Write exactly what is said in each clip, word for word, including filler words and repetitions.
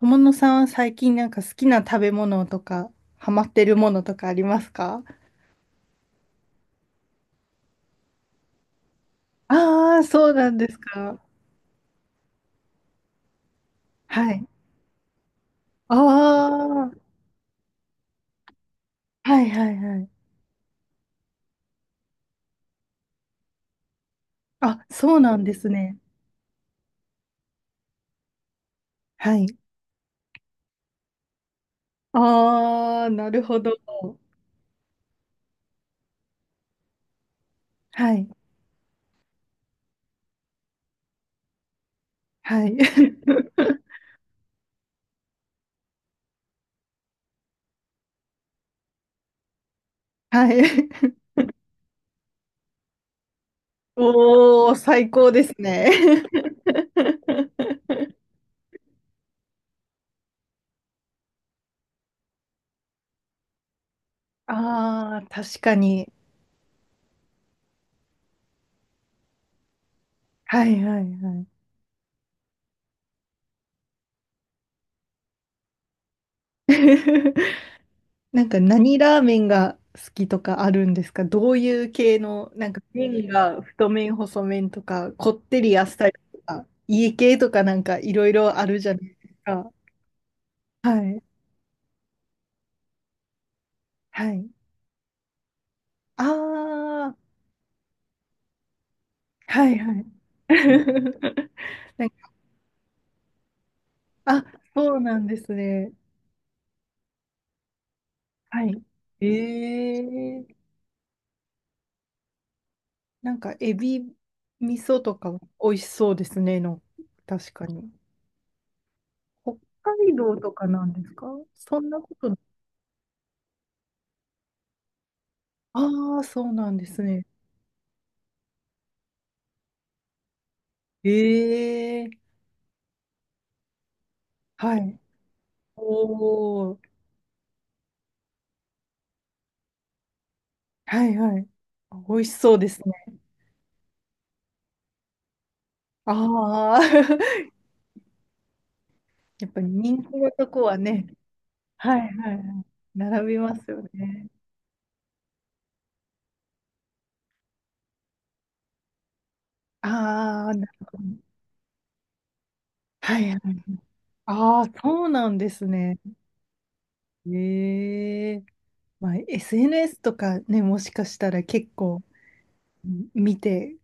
友野さんは最近なんか好きな食べ物とか、ハマってるものとかありますか？ああー、そうなんですか。はい。ああ、はいはいはい。あ、そうなんですね。はい。ああ、なるほど。はい。はい。はい。おー、最高ですね。ああ、確かに。はいはいはい。なんか何ラーメンが好きとかあるんですか？どういう系の、なんか麺が太麺、細麺とか、こってりあっさりとか、家系とかなんかいろいろあるじゃないですか。はい。はい。ああ、はいはい。なんか、あ、そうなんですね。はい。ええ、なんかエビ味噌とか美味しそうですね。の、確かに。北海道とかなんですか？そんなこと、ああ、そうなんですね。ええ、はい。おお、はいはい。美味しそうですね。ああ、やっぱり人気のとこはね、はいはいはい。並びますよね。ああ、なるほど。はいはい。ああ、そうなんですね。ええ、まあ、エスエヌエス とかね、もしかしたら結構見て、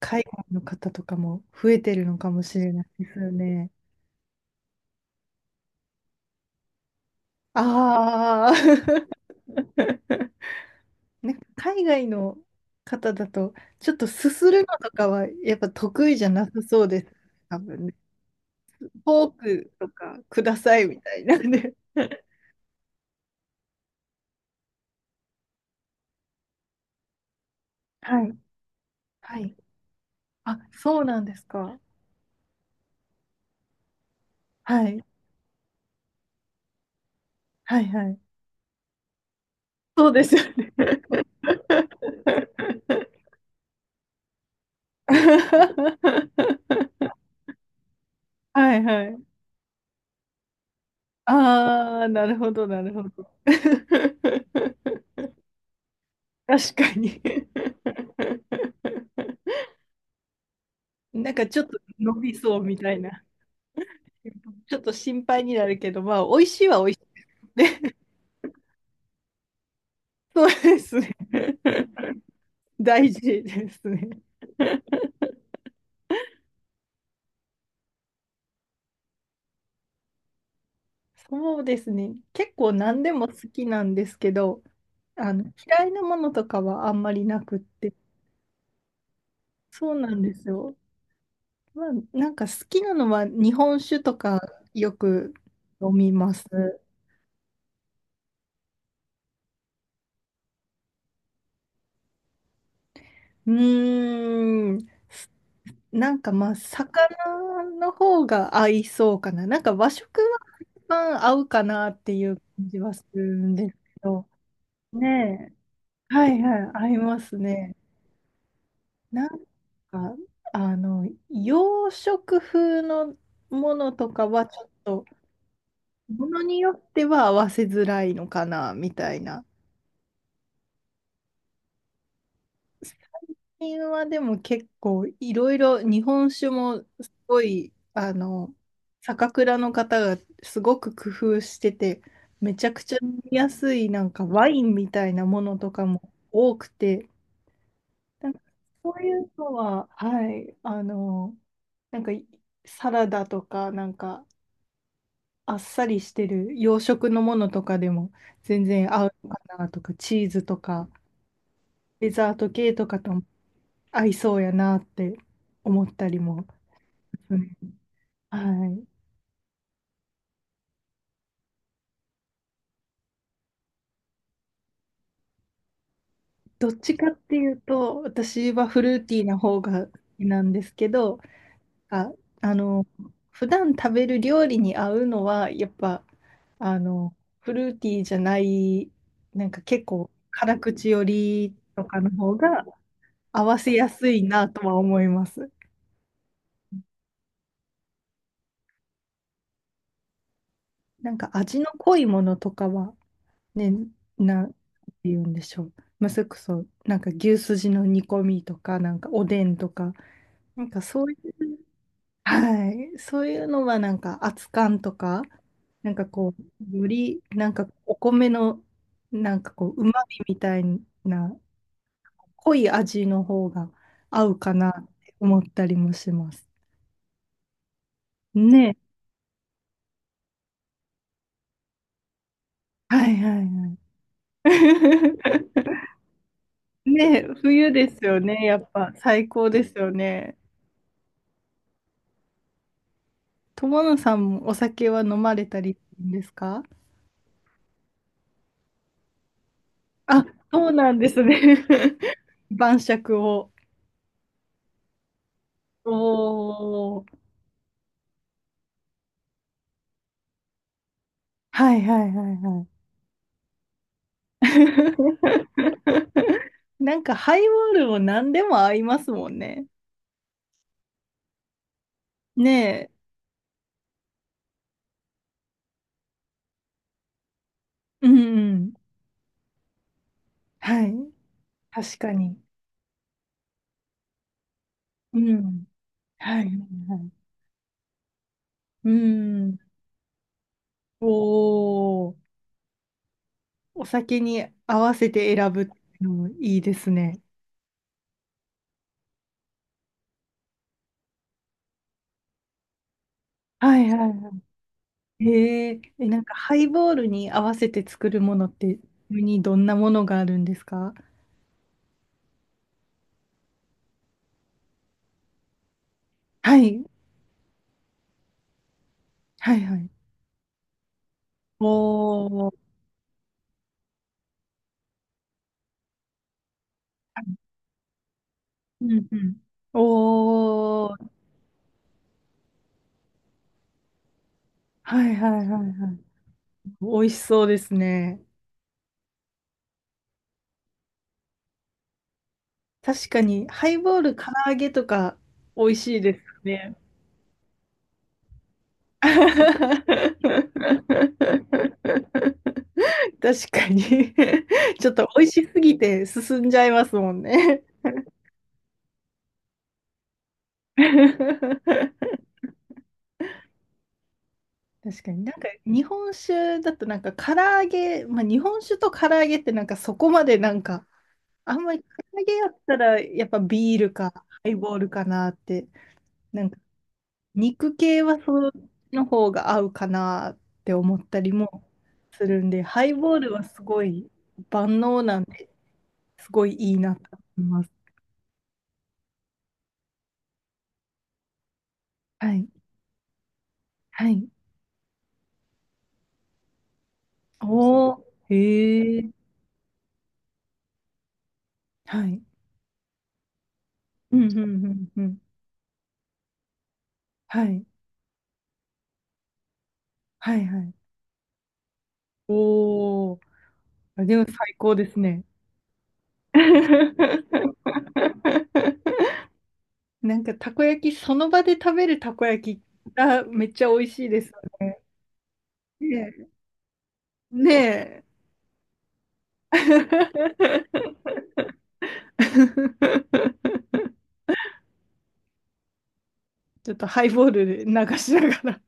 海外の方とかも増えてるのかもしれないですよね。ああ。なんか海外の方だと、ちょっとすするのとかはやっぱ得意じゃなさそうです。多分ね。フォークとかくださいみたいなんで。はい。はい。あ、そうなんですか。はい。はいはい。そうですよね。はいはい。ああ、なるほどなるほど。確かに。なんかちょっと伸びそうみたいな。ちょっと心配になるけど、まあ、美味しいは美味しい。ね、そうですね。大事ですね。そうですね。結構何でも好きなんですけど、あの、嫌いなものとかはあんまりなくって。そうなんですよ。まあ、なんか好きなのは日本酒とかよく飲みます。うーん。好なんか、まあ、魚の方が合いそうかな。なんか和食は一番合うかなっていう感じはするんですけど。ねえ。はいはい、合いますね。なんか、あの、洋食風のものとかはちょっと、ものによっては合わせづらいのかな、みたいな。最近はでも結構いろいろ日本酒もすごい、あの酒蔵の方がすごく工夫してて、めちゃくちゃ飲みやすい、なんかワインみたいなものとかも多くて、なんかそういうのは、はい、あのなんか、いサラダとかなんかあっさりしてる洋食のものとかでも全然合うのかな、とかチーズとかデザート系とかとも合いそうやなって思ったりも。うん、はい。どっちかっていうと、私はフルーティーな方が好きなんですけど、あ、あの、普段食べる料理に合うのは、やっぱ、あの、フルーティーじゃない、なんか結構辛口よりとかの方が合わせやすいなとは思います。なんか味の濃いものとかは、ね、なんて言うんでしょう。まあ、それこそ、なんか牛すじの煮込みとか、なんかおでんとか、なんかそういう、はい。そういうのはなんか熱燗とか、なんかこう、よりなんかお米のなんかこう、うまみみたいな濃い味の方が合うかなって思ったりもします。ね。はいはいはい。ね、冬ですよね。やっぱ最高ですよね。友野さんもお酒は飲まれたりするんですか？あ、そうなんですね。晩酌を。おお。はいはいはいはい。なんかハイボールも何でも合いますもんね。ねえ。うんうん。はい。確かに。うん。はいはいはい。うん。おー。お酒に合わせて選ぶっていうのもいいですね。はいはいはい。へえ。え、なんかハイボールに合わせて作るものって、にどんなものがあるんですか？はい。はいはい。おー。うんうん。おー、はいはいはいはい。美味しそうですね。確かに、ハイボール、唐揚げとか、美味しいですよね。確かに ちょっと美味しすぎて進んじゃいますもんね。 確かに、なんか日本酒だとなんか唐揚げ、まあ、日本酒と唐揚げってなんかそこまで、なんか、あんまり唐揚げやったら、やっぱビールかハイボールかなって、なんか肉系はそっちの方が合うかなって思ったりもするんで、ハイボールはすごい万能なんで、すごいいいなと思います。はい、はい。おお、へえ、はい。うん、うん、うん、うん。はい、はい、はい。おお、あ、でも最高ですね。なんかたこ焼き、その場で食べるたこ焼きがめっちゃ美味しいですよね。ねえ。ねえ ちょっとハイボールで流しながら。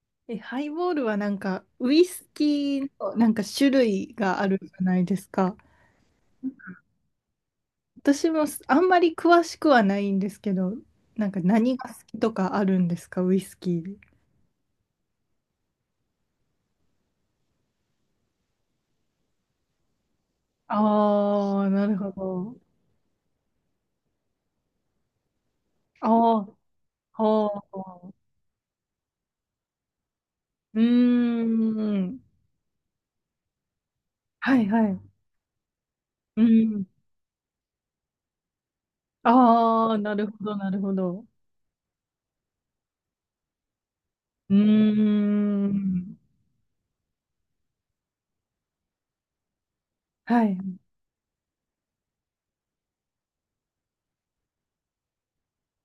え、ハイボールはなんかウイスキーのなんか種類があるじゃないですか。私もあんまり詳しくはないんですけど、なんか何が好きとかあるんですか、ウイスキーで。ああ、なるほど。ああ、ああ。うーん。はいはい。うん。ああ、なるほど、なるほど。うーん。はい。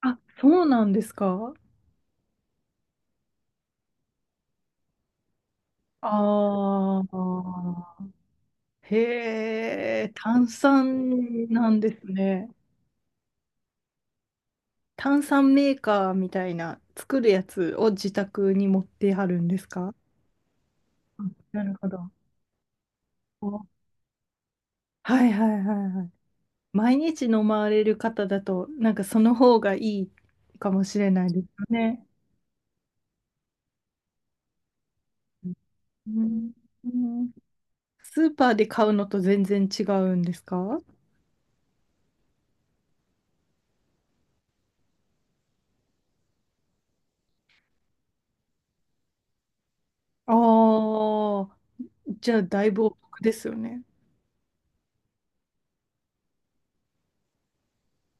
あ、そうなんですか？ああ。へえ、炭酸なんですね。炭酸メーカーみたいな作るやつを自宅に持ってはるんですか？あ、なるほど。お、はいはいはいはい。毎日飲まれる方だと、なんかその方がいいかもしれないですよね。うん、うん、スーパーで買うのと全然違うんですか？ああー、じゃあだいぶお得ですよね。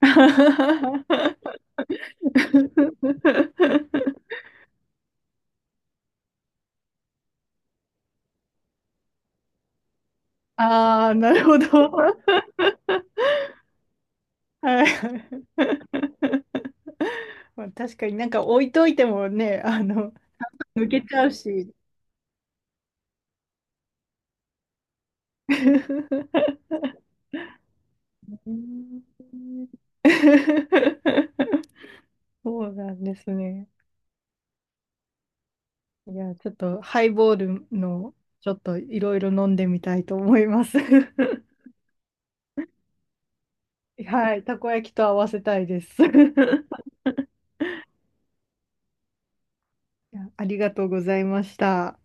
ああ、なるほど。はい、まあ、確かになんか置いといてもね、あの、抜けちゃうし。うん、そうなんですね。いや、ちょっとハイボールの、ちょっといろいろ飲んでみたいと思います。はい、たこ焼きと合わせたいです。いや、ありがとうございました。